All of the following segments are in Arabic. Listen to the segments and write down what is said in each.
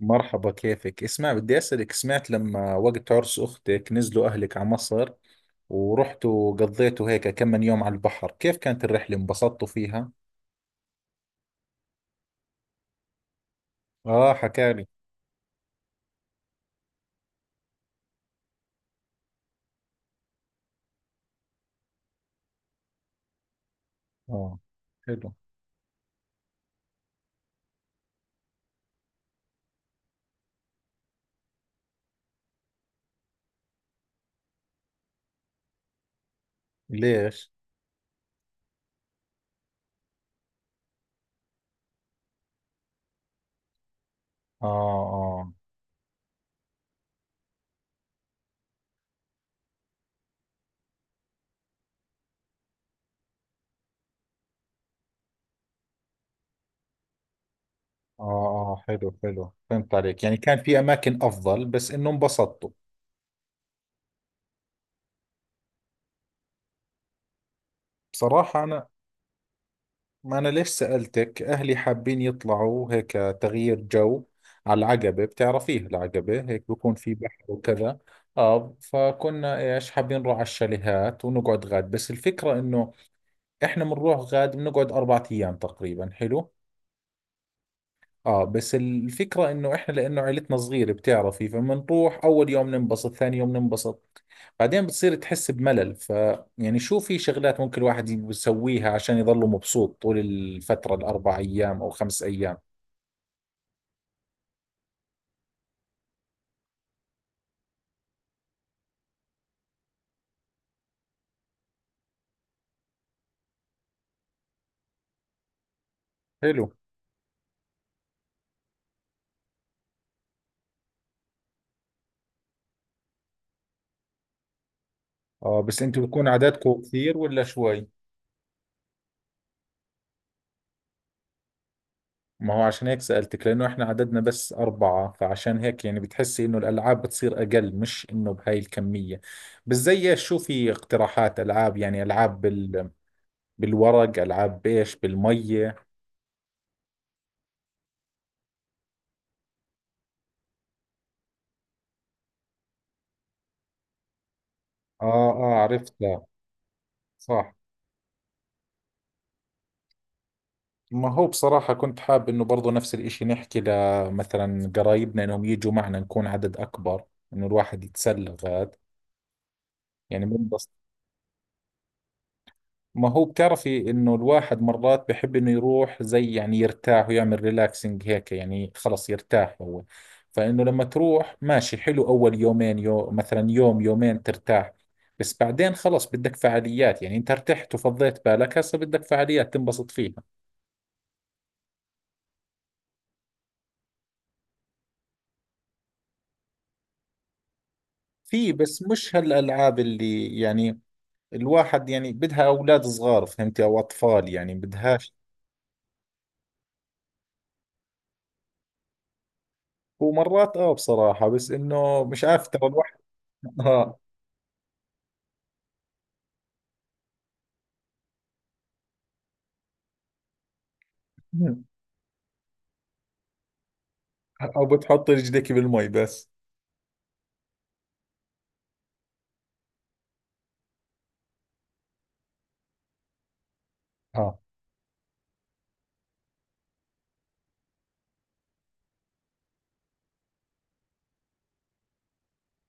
مرحبا، كيفك؟ اسمع، بدي أسألك، سمعت لما وقت عرس أختك نزلوا أهلك على مصر ورحتوا قضيتوا هيك كم من يوم على البحر، كيف كانت الرحلة، انبسطتوا فيها؟ آه، حكالي. آه، حلو. ليش؟ آه، آه. آه، آه، حلو حلو، فهمت عليك، يعني كان في أماكن أفضل بس إنه انبسطتوا. بصراحة أنا. ما أنا ليش سألتك؟ أهلي حابين يطلعوا هيك تغيير جو، على العقبة. بتعرفيها العقبة؟ هيك بكون في بحر وكذا. آه، فكنا إيش حابين نروح على الشاليهات ونقعد غاد، بس الفكرة إنه إحنا بنروح غاد بنقعد 4 أيام تقريبا، حلو. اه، بس الفكرة انه احنا لانه عيلتنا صغيرة بتعرفي، فبنروح اول يوم ننبسط، ثاني يوم ننبسط، بعدين بتصير تحس بملل، يعني شو في شغلات ممكن الواحد يسويها عشان يضله مبسوط طول الفترة الاربع ايام او 5 ايام؟ حلو. اه، بس انتوا بتكون عددكم كثير ولا شوي؟ ما هو عشان هيك سألتك، لانه احنا عددنا بس 4، فعشان هيك يعني بتحسي انه الالعاب بتصير اقل، مش انه بهاي الكمية. بس زي ايش؟ شو في اقتراحات العاب؟ يعني العاب بالورق، ألعاب بيش بالمية. آه، آه، عرفتها. صح. ما هو بصراحة كنت حاب إنه برضو نفس الإشي، نحكي لمثلا قرايبنا إنهم يجوا معنا نكون عدد أكبر، إنه الواحد يتسلى غاد، يعني من. ما هو بتعرفي انه الواحد مرات بحب انه يروح زي يعني يرتاح ويعمل ريلاكسنج هيك، يعني خلص يرتاح هو. فانه لما تروح، ماشي حلو اول يومين، مثلا يوم يومين ترتاح، بس بعدين خلص بدك فعاليات، يعني انت ارتحت وفضيت بالك، هسه بدك فعاليات تنبسط فيها. في بس مش هالالعاب اللي يعني الواحد يعني بدها اولاد صغار، فهمتي، او اطفال، يعني بدهاش. ومرات اه بصراحة، بس انه مش عارف، ترى الواحد. اه. او بتحط رجلك بالمي بس. اه.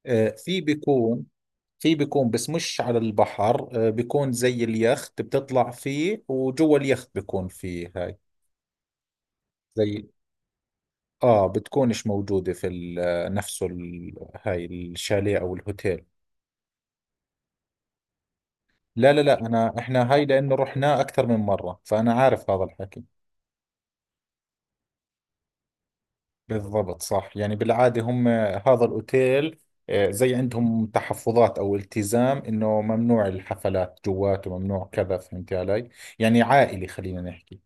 في بيكون. في بيكون بس مش على البحر، بيكون زي اليخت، بتطلع فيه وجوا اليخت بيكون فيه هاي. زي اه بتكونش موجودة في نفسه هاي الشاليه او الهوتيل. لا لا لا، احنا هاي لانه رحناه اكثر من مرة، فانا عارف هذا الحكي. بالضبط، صح، يعني بالعادة هم هذا الأوتيل، زي عندهم تحفظات أو التزام إنه ممنوع الحفلات جواته، ممنوع كذا، فهمت علي، يعني عائلي خلينا نحكي.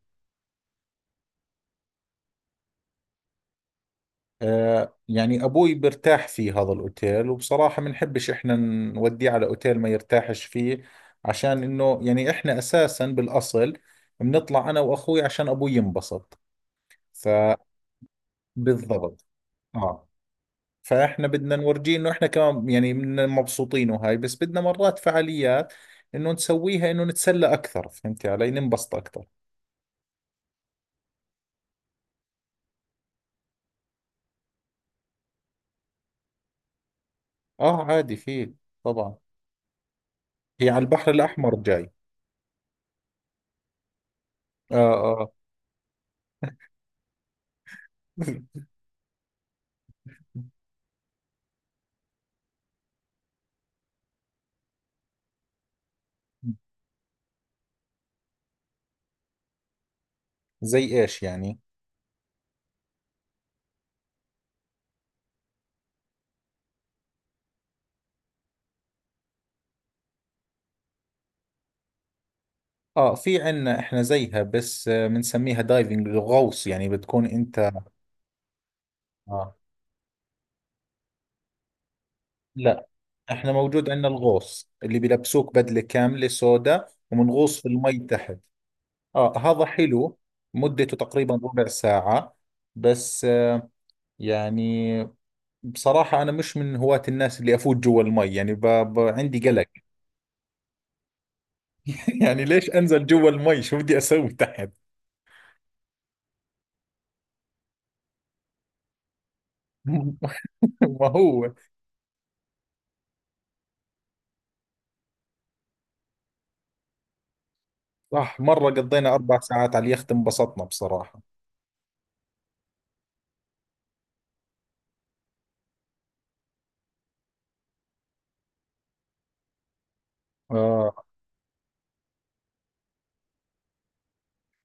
يعني أبوي برتاح في هذا الأوتيل، وبصراحة بنحبش إحنا نوديه على أوتيل ما يرتاحش فيه، عشان إنه يعني إحنا أساسا بالأصل بنطلع أنا وأخوي عشان أبوي ينبسط، فبالضبط. آه فاحنا بدنا نورجيه انه احنا كمان يعني من مبسوطين وهاي، بس بدنا مرات فعاليات، انه نسويها انه نتسلى اكثر، فهمتي علي، ننبسط اكثر. اه عادي، في طبعا. هي على البحر الاحمر جاي. اه، اه. زي ايش يعني؟ اه، في عنا احنا زيها، بس بنسميها دايفنج، الغوص، يعني بتكون انت. آه. لا. احنا موجود عندنا الغوص اللي بيلبسوك بدلة كاملة سوداء، ومنغوص في المي تحت. آه، هذا حلو. مدته تقريبا ربع ساعة. بس يعني بصراحة أنا مش من هواة الناس اللي أفوت جوا المي، يعني عندي قلق. يعني ليش أنزل جوا المي؟ شو بدي أسوي تحت؟ ما هو. صح، مرة قضينا 4 ساعات على اليخت، انبسطنا بصراحة. آه،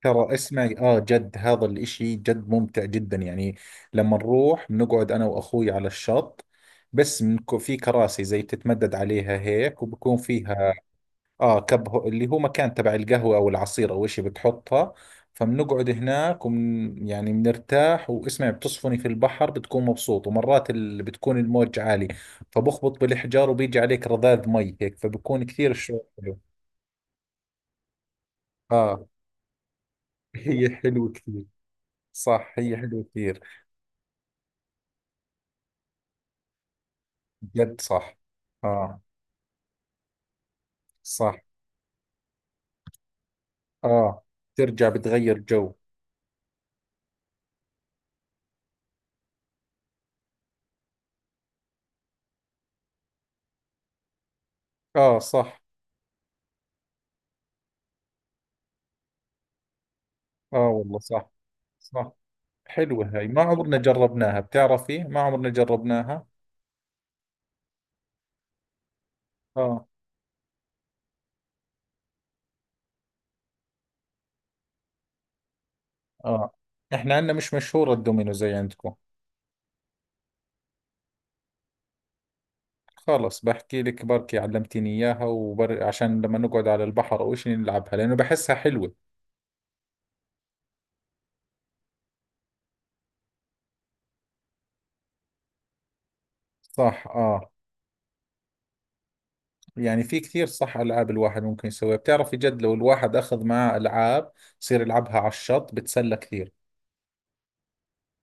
ترى اسمعي، جد هذا الإشي جد ممتع جدا، يعني لما نروح بنقعد أنا وأخوي على الشط، بس في كراسي زي بتتمدد عليها هيك، وبكون فيها اه اللي هو مكان تبع القهوة او العصير او اشي بتحطها، فبنقعد هناك ومن يعني بنرتاح. واسمعي، بتصفني في البحر، بتكون مبسوط، ومرات بتكون الموج عالي، فبخبط بالحجار وبيجي عليك رذاذ مي هيك، فبكون كثير الشعور حلو. اه. هي حلوة كثير. صح، هي حلوة كثير. جد صح. اه، صح. اه، ترجع بتغير جو. اه صح. اه والله، صح، صح. حلوة هاي، ما عمرنا جربناها بتعرفي، ما عمرنا جربناها. اه، اه. احنا عندنا مش مشهورة الدومينو زي عندكم. خلص، بحكي لك بركي علمتيني اياها، عشان لما نقعد على البحر او شيء نلعبها، لانه بحسها حلوة. صح. اه، يعني في كثير، صح، العاب الواحد ممكن يسويها، بتعرفي جد لو الواحد اخذ معاه العاب، يصير يلعبها على الشط، بتسلى كثير.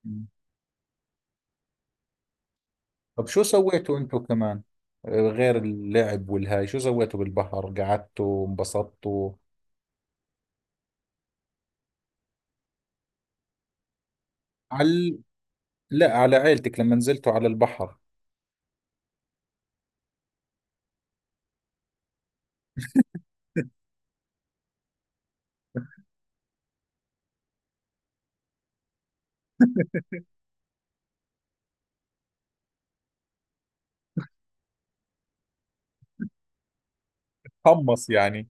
مم. طب شو سويتوا انتوا كمان؟ غير اللعب والهاي، شو سويتوا بالبحر؟ قعدتوا انبسطتوا؟ على ال- لا، على عيلتك لما نزلتوا على البحر. قمص يعني.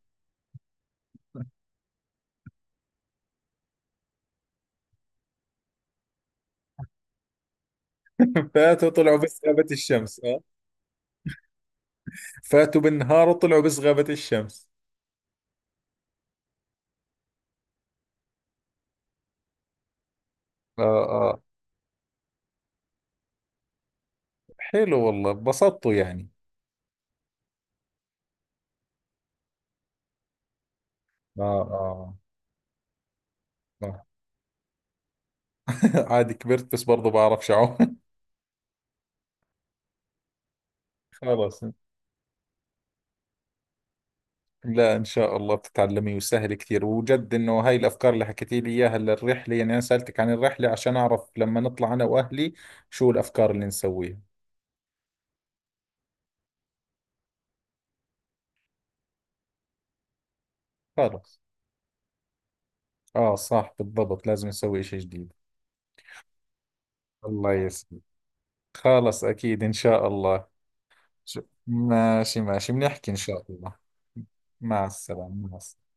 فاتوا طلعوا بس غابة الشمس. اه. فاتوا بالنهار وطلعوا بس غابة الشمس. اه، اه، حلو والله، انبسطتوا يعني. اه، اه. آه. عادي كبرت، بس برضو بعرف شعو. خلاص. لا ان شاء الله بتتعلمي، وسهل كثير، وجد انه هاي الافكار اللي حكيتي لي اياها للرحله، يعني انا سالتك عن الرحله عشان اعرف لما نطلع انا واهلي شو الافكار اللي نسويها. خلاص، اه، صح بالضبط، لازم نسوي شيء جديد. الله يسلمك. خلاص، اكيد ان شاء الله. ش- ماشي ماشي، بنحكي إن شاء الله. مع السلامة، مع السلامة.